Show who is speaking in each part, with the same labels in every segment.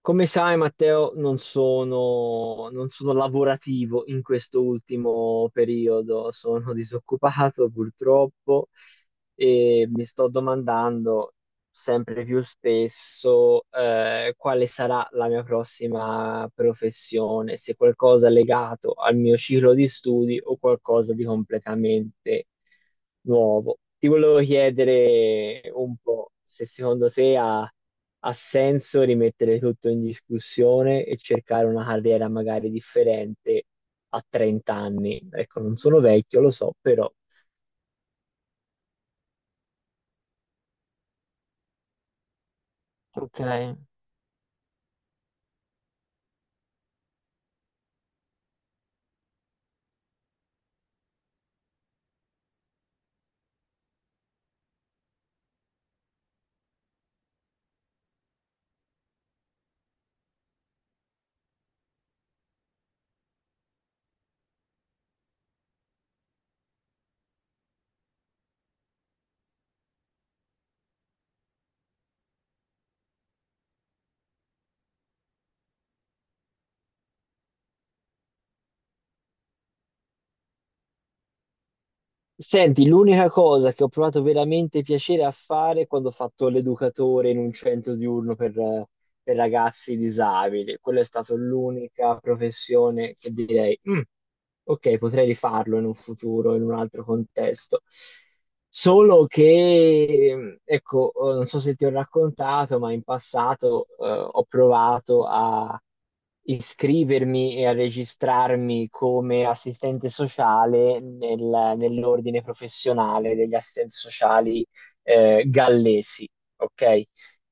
Speaker 1: Come sai, Matteo, non sono lavorativo in questo ultimo periodo, sono disoccupato purtroppo e mi sto domandando sempre più spesso quale sarà la mia prossima professione, se qualcosa legato al mio ciclo di studi o qualcosa di completamente nuovo. Ti volevo chiedere un po' se secondo te ha senso rimettere tutto in discussione e cercare una carriera magari differente a 30 anni. Ecco, non sono vecchio, lo so, però. Ok. Senti, l'unica cosa che ho provato veramente piacere a fare quando ho fatto l'educatore in un centro diurno per ragazzi disabili, quella è stata l'unica professione che direi, "Mm, ok, potrei rifarlo in un futuro, in un altro contesto. Solo che, ecco, non so se ti ho raccontato, ma in passato, ho provato a iscrivermi e a registrarmi come assistente sociale nell'ordine professionale degli assistenti sociali, gallesi, ok?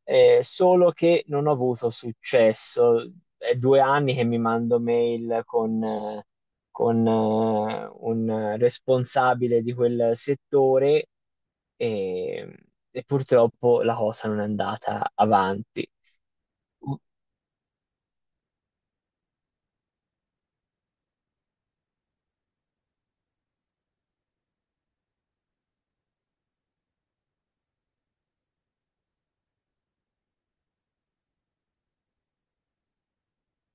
Speaker 1: Solo che non ho avuto successo. È 2 anni che mi mando mail con, un responsabile di quel settore e, e purtroppo la cosa non è andata avanti.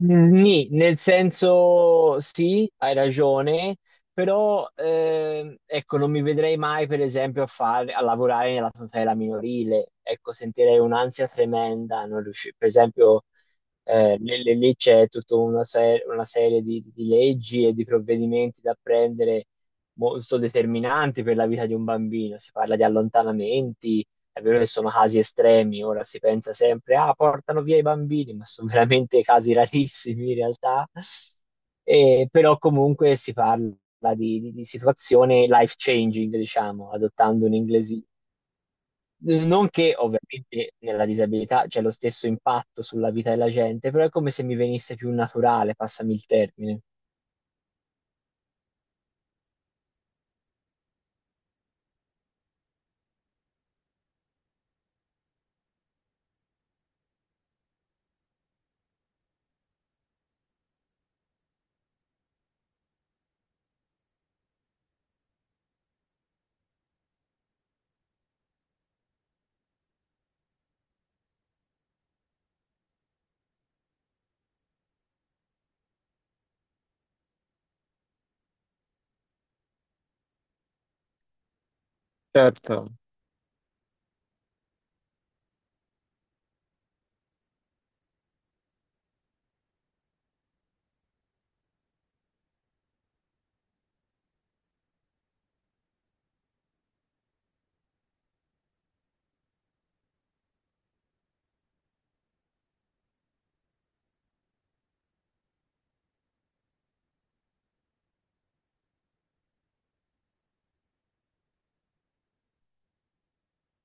Speaker 1: Nì, nel senso sì, hai ragione, però ecco, non mi vedrei mai per esempio a, fare, a lavorare nella tutela minorile, ecco, sentirei un'ansia tremenda, non riusci- per esempio lì c'è tutta una, se- una serie di leggi e di provvedimenti da prendere molto determinanti per la vita di un bambino, si parla di allontanamenti. È vero che sono casi estremi, ora si pensa sempre, ah, portano via i bambini, ma sono veramente casi rarissimi in realtà. E, però comunque si parla di situazione life changing, diciamo, adottando un inglese. Non che ovviamente nella disabilità c'è lo stesso impatto sulla vita della gente, però è come se mi venisse più naturale, passami il termine. Certo.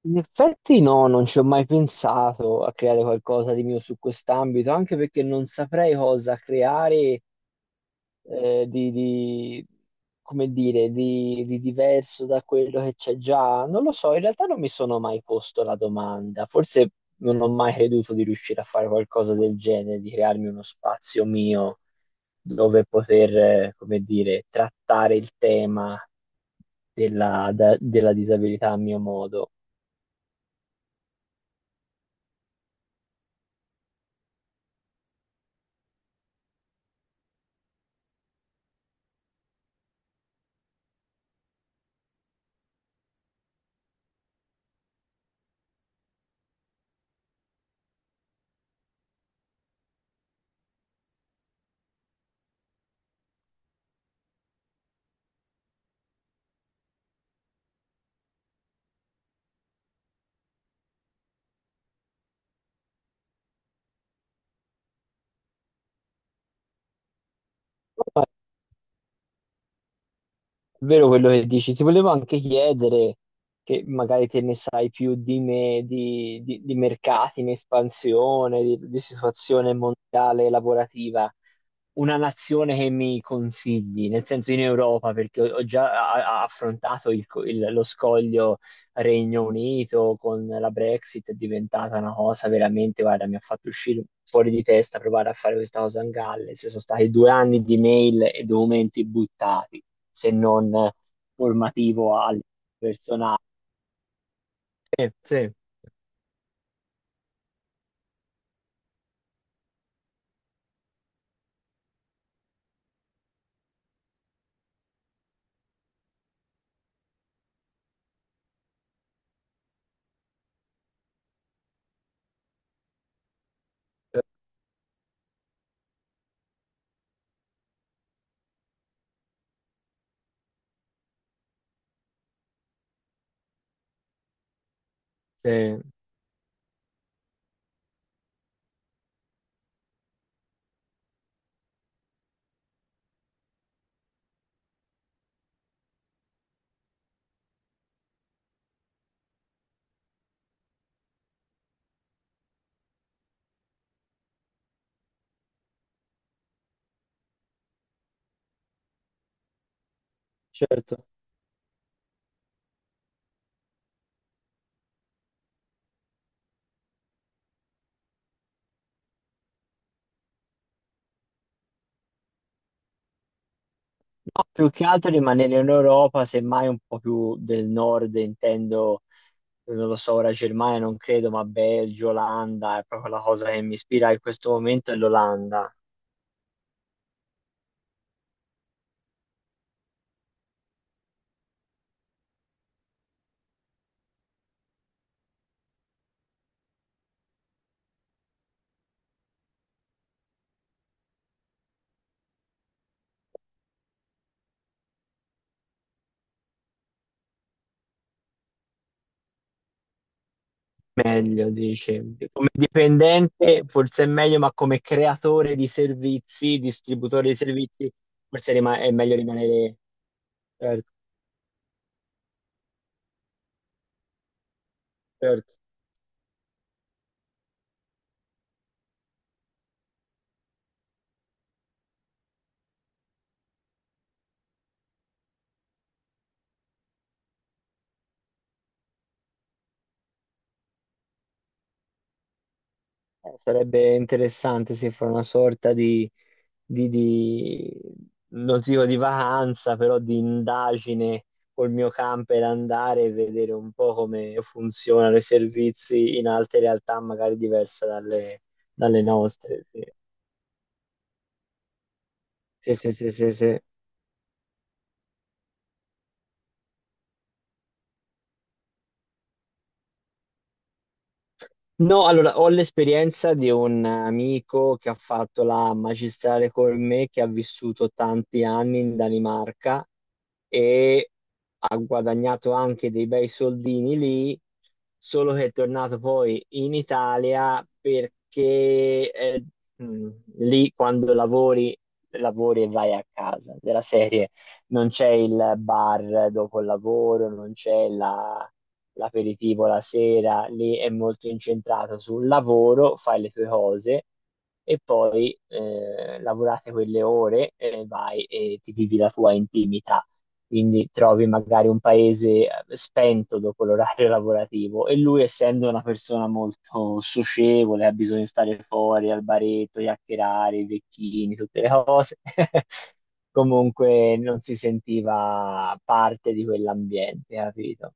Speaker 1: In effetti no, non ci ho mai pensato a creare qualcosa di mio su quest'ambito, anche perché non saprei cosa creare eh, di, di- come dire, di diverso da quello che c'è già? Non lo so, in realtà non mi sono mai posto la domanda, forse non ho mai creduto di riuscire a fare qualcosa del genere, di crearmi uno spazio mio dove poter, come dire, trattare il tema della disabilità a mio modo. È vero quello che dici, ti volevo anche chiedere, che magari te ne sai più di me, di mercati in espansione, di situazione mondiale lavorativa, una nazione che mi consigli, nel senso in Europa, perché ho già affrontato il lo scoglio Regno Unito con la Brexit, è diventata una cosa veramente, guarda, mi ha fatto uscire fuori di testa provare a fare questa cosa in Galles. Sono stati 2 anni di mail e documenti buttati, se non formativo al personale. Sì, sì, sì, certo. No, più che altro rimanere in Europa, semmai un po' più del nord, intendo non lo so, ora Germania non credo, ma Belgio, Olanda, è proprio la cosa che mi ispira in questo momento è l'Olanda. Meglio, dice. Come dipendente forse è meglio, ma come creatore di servizi, distributore di servizi, è meglio rimanere... Certo, certo. Sarebbe interessante se fa una sorta di, di, di- non dico di vacanza, però di indagine col mio camper, andare e vedere un po' come funzionano i servizi in altre realtà, magari diverse dalle, dalle nostre. Sì, sì, sì, sì, sì, sì. No, allora ho l'esperienza di un amico che ha fatto la magistrale con me, che ha vissuto tanti anni in Danimarca e ha guadagnato anche dei bei soldini lì, solo che è tornato poi in Italia perché mh, lì lavori e vai a casa, della serie non c'è il bar dopo il lavoro, non c'è la l'aperitivo la sera, lì è molto incentrato sul lavoro, fai le tue cose e poi lavorate quelle ore e vai e ti vivi la tua intimità. Quindi trovi magari un paese spento dopo l'orario lavorativo e lui, essendo una persona molto socievole, ha bisogno di stare fuori al baretto, chiacchierare, i vecchini, tutte le cose. Comunque non si sentiva parte di quell'ambiente, capito?